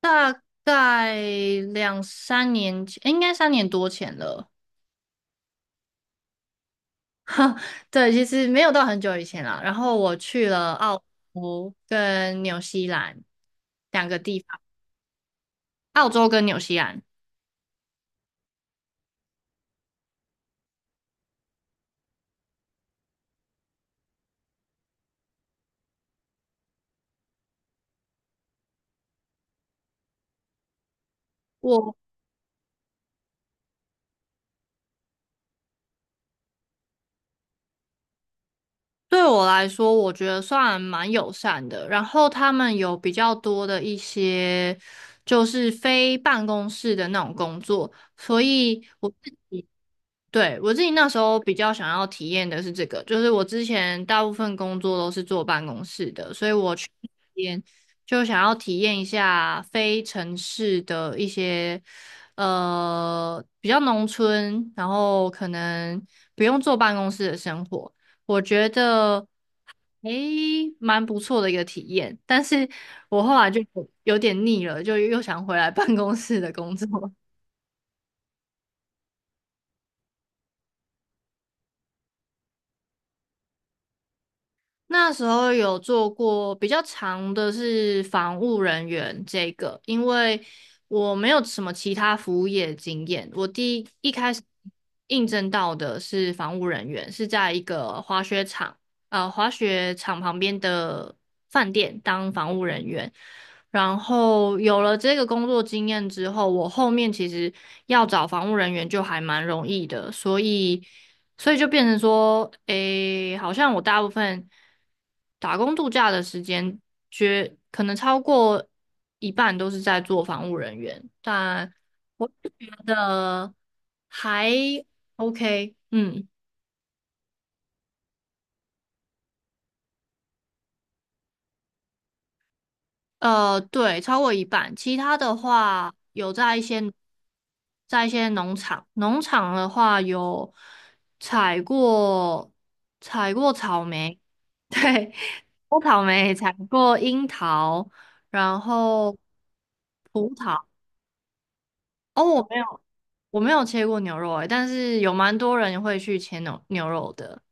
大概两三年前，应该三年多前了。哈，对，其实没有到很久以前啦。然后我去了澳洲跟纽西兰两个地方，澳洲跟纽西兰。我对我来说，我觉得算蛮友善的。然后他们有比较多的一些就是非办公室的那种工作，所以我自己。对，我自己那时候比较想要体验的是这个，就是我之前大部分工作都是坐办公室的，所以我去那边就想要体验一下非城市的一些比较农村，然后可能不用坐办公室的生活，我觉得诶蛮不错的一个体验，但是我后来就有点腻了，就又想回来办公室的工作。那时候有做过比较长的是防务人员这个，因为我没有什么其他服务业经验，我第一开始应征到的是防务人员，是在一个滑雪场，滑雪场旁边的饭店当防务人员。然后有了这个工作经验之后，我后面其实要找防务人员就还蛮容易的，所以。所以就变成说，诶，好像我大部分打工度假的时间，绝可能超过一半都是在做防务人员，但我觉得还 OK，嗯。对，超过一半。其他的话，有在一些在一些农场，农场的话有采过采过草莓，对，采草莓，采过樱桃，然后葡萄。哦，我没有，我没有切过牛肉诶，但是有蛮多人会去切牛肉的。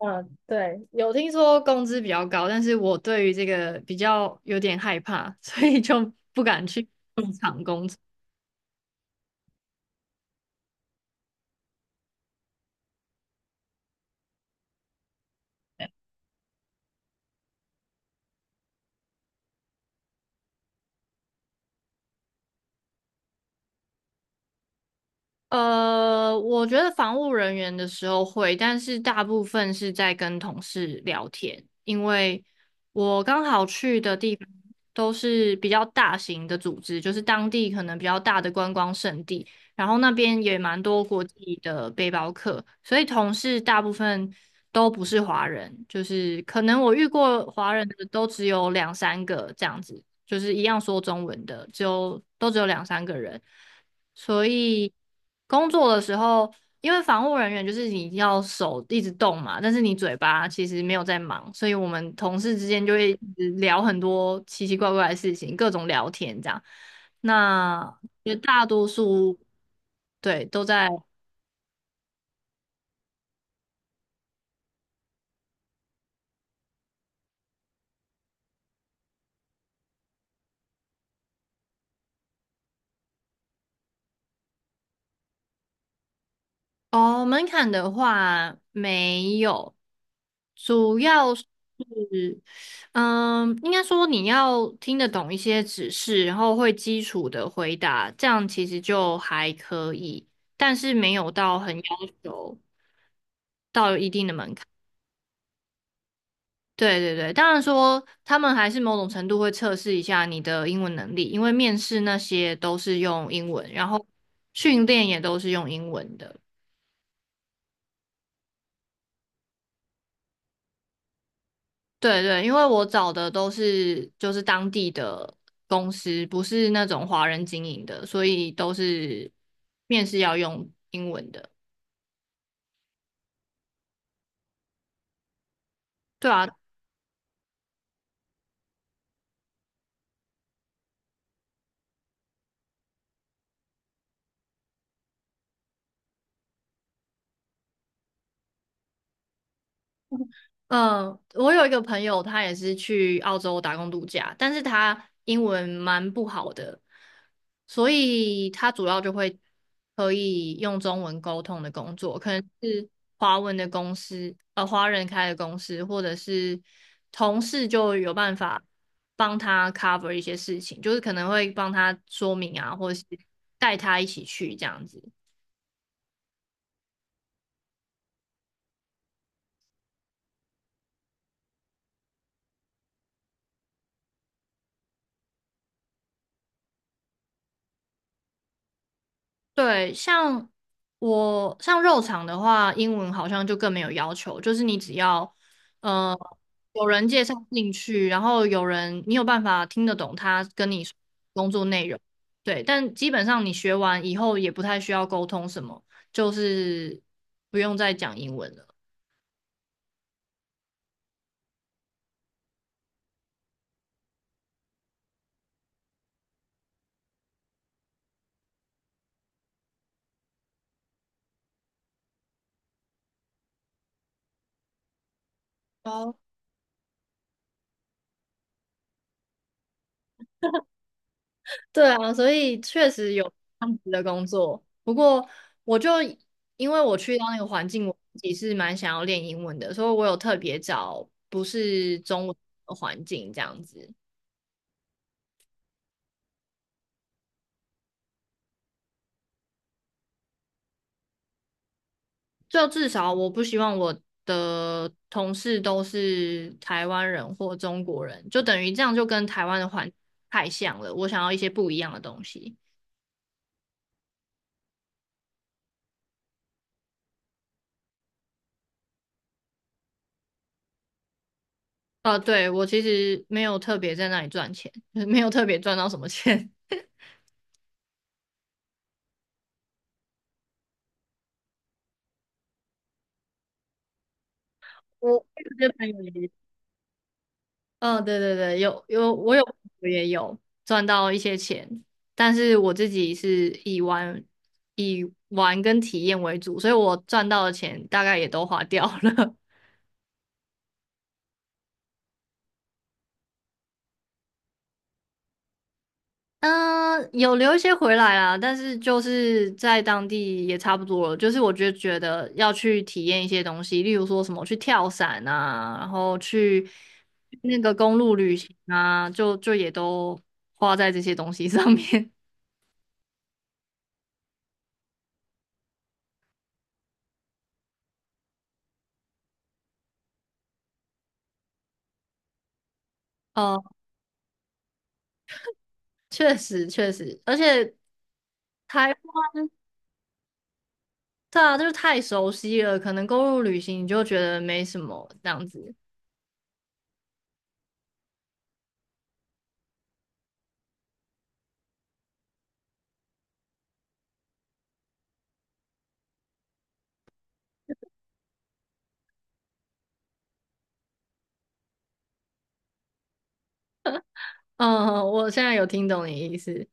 嗯，对，有听说工资比较高，但是我对于这个比较有点害怕，所以就不敢去。我觉得防务人员的时候会，但是大部分是在跟同事聊天，因为我刚好去的地方都是比较大型的组织，就是当地可能比较大的观光胜地，然后那边也蛮多国际的背包客，所以同事大部分都不是华人，就是可能我遇过华人的都只有两三个这样子，就是一样说中文的，都只有两三个人。所以工作的时候，因为防护人员就是你要手一直动嘛，但是你嘴巴其实没有在忙，所以我们同事之间就会一直聊很多奇奇怪怪的事情，各种聊天这样。那绝大多数对都在。哦，门槛的话没有，主要是，嗯，应该说你要听得懂一些指示，然后会基础的回答，这样其实就还可以，但是没有到很要求。对对对，当然说他们还是某种程度会测试一下你的英文能力，因为面试那些都是用英文，然后训练也都是用英文的。对对，因为我找的都是就是当地的公司，不是那种华人经营的，所以都是面试要用英文的。对啊，嗯，我有一个朋友，他也是去澳洲打工度假，但是他英文蛮不好的，所以他主要就会可以用中文沟通的工作，可能是华文的公司，华人开的公司，或者是同事就有办法帮他 cover 一些事情，就是可能会帮他说明啊，或者是带他一起去这样子。对，我像肉场的话，英文好像就更没有要求，就是你只要呃有人介绍进去，然后有人你有办法听得懂他跟你说工作内容，对，但基本上你学完以后也不太需要沟通什么，就是不用再讲英文了。哦对啊，所以确实有这样子的工作。不过，我就因为我去到那个环境，我自己是蛮想要练英文的，所以我有特别找不是中文的环境这样子。就至少我不希望我的同事都是台湾人或中国人，就等于这样就跟台湾的环太像了。我想要一些不一样的东西。对，我其实没有特别在那里赚钱，就是没有特别赚到什么钱。我这些朋友也嗯，对对对，有有，我也有赚到一些钱，但是我自己是以玩跟体验为主，所以我赚到的钱大概也都花掉了。嗯，有留一些回来啦，但是就是在当地也差不多了。就是我觉得要去体验一些东西，例如说什么去跳伞啊，然后去那个公路旅行啊，就也都花在这些东西上面。哦、确实，而且台，对啊，就是太熟悉了，可能公路旅行你就觉得没什么这样子。嗯，我现在有听懂你意思，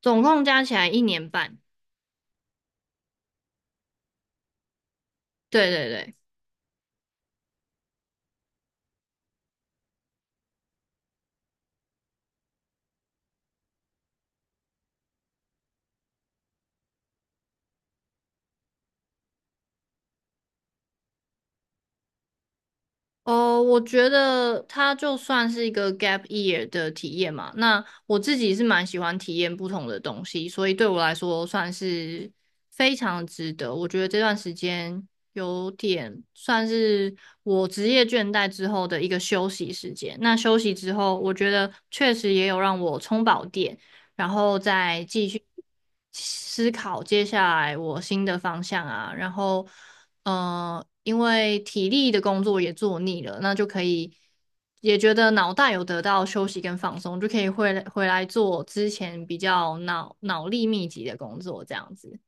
总共加起来一年半。对对对。哦，我觉得它就算是一个 gap year 的体验嘛。那我自己是蛮喜欢体验不同的东西，所以对我来说算是非常值得。我觉得这段时间有点算是我职业倦怠之后的一个休息时间。那休息之后，我觉得确实也有让我充饱电。然后再继续思考接下来我新的方向啊。然后，因为体力的工作也做腻了，那就可以也觉得脑袋有得到休息跟放松，就可以回来做之前比较脑力密集的工作，这样子。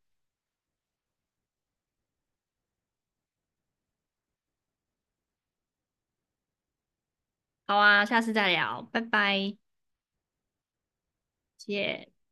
好啊，下次再聊，拜拜，谢谢。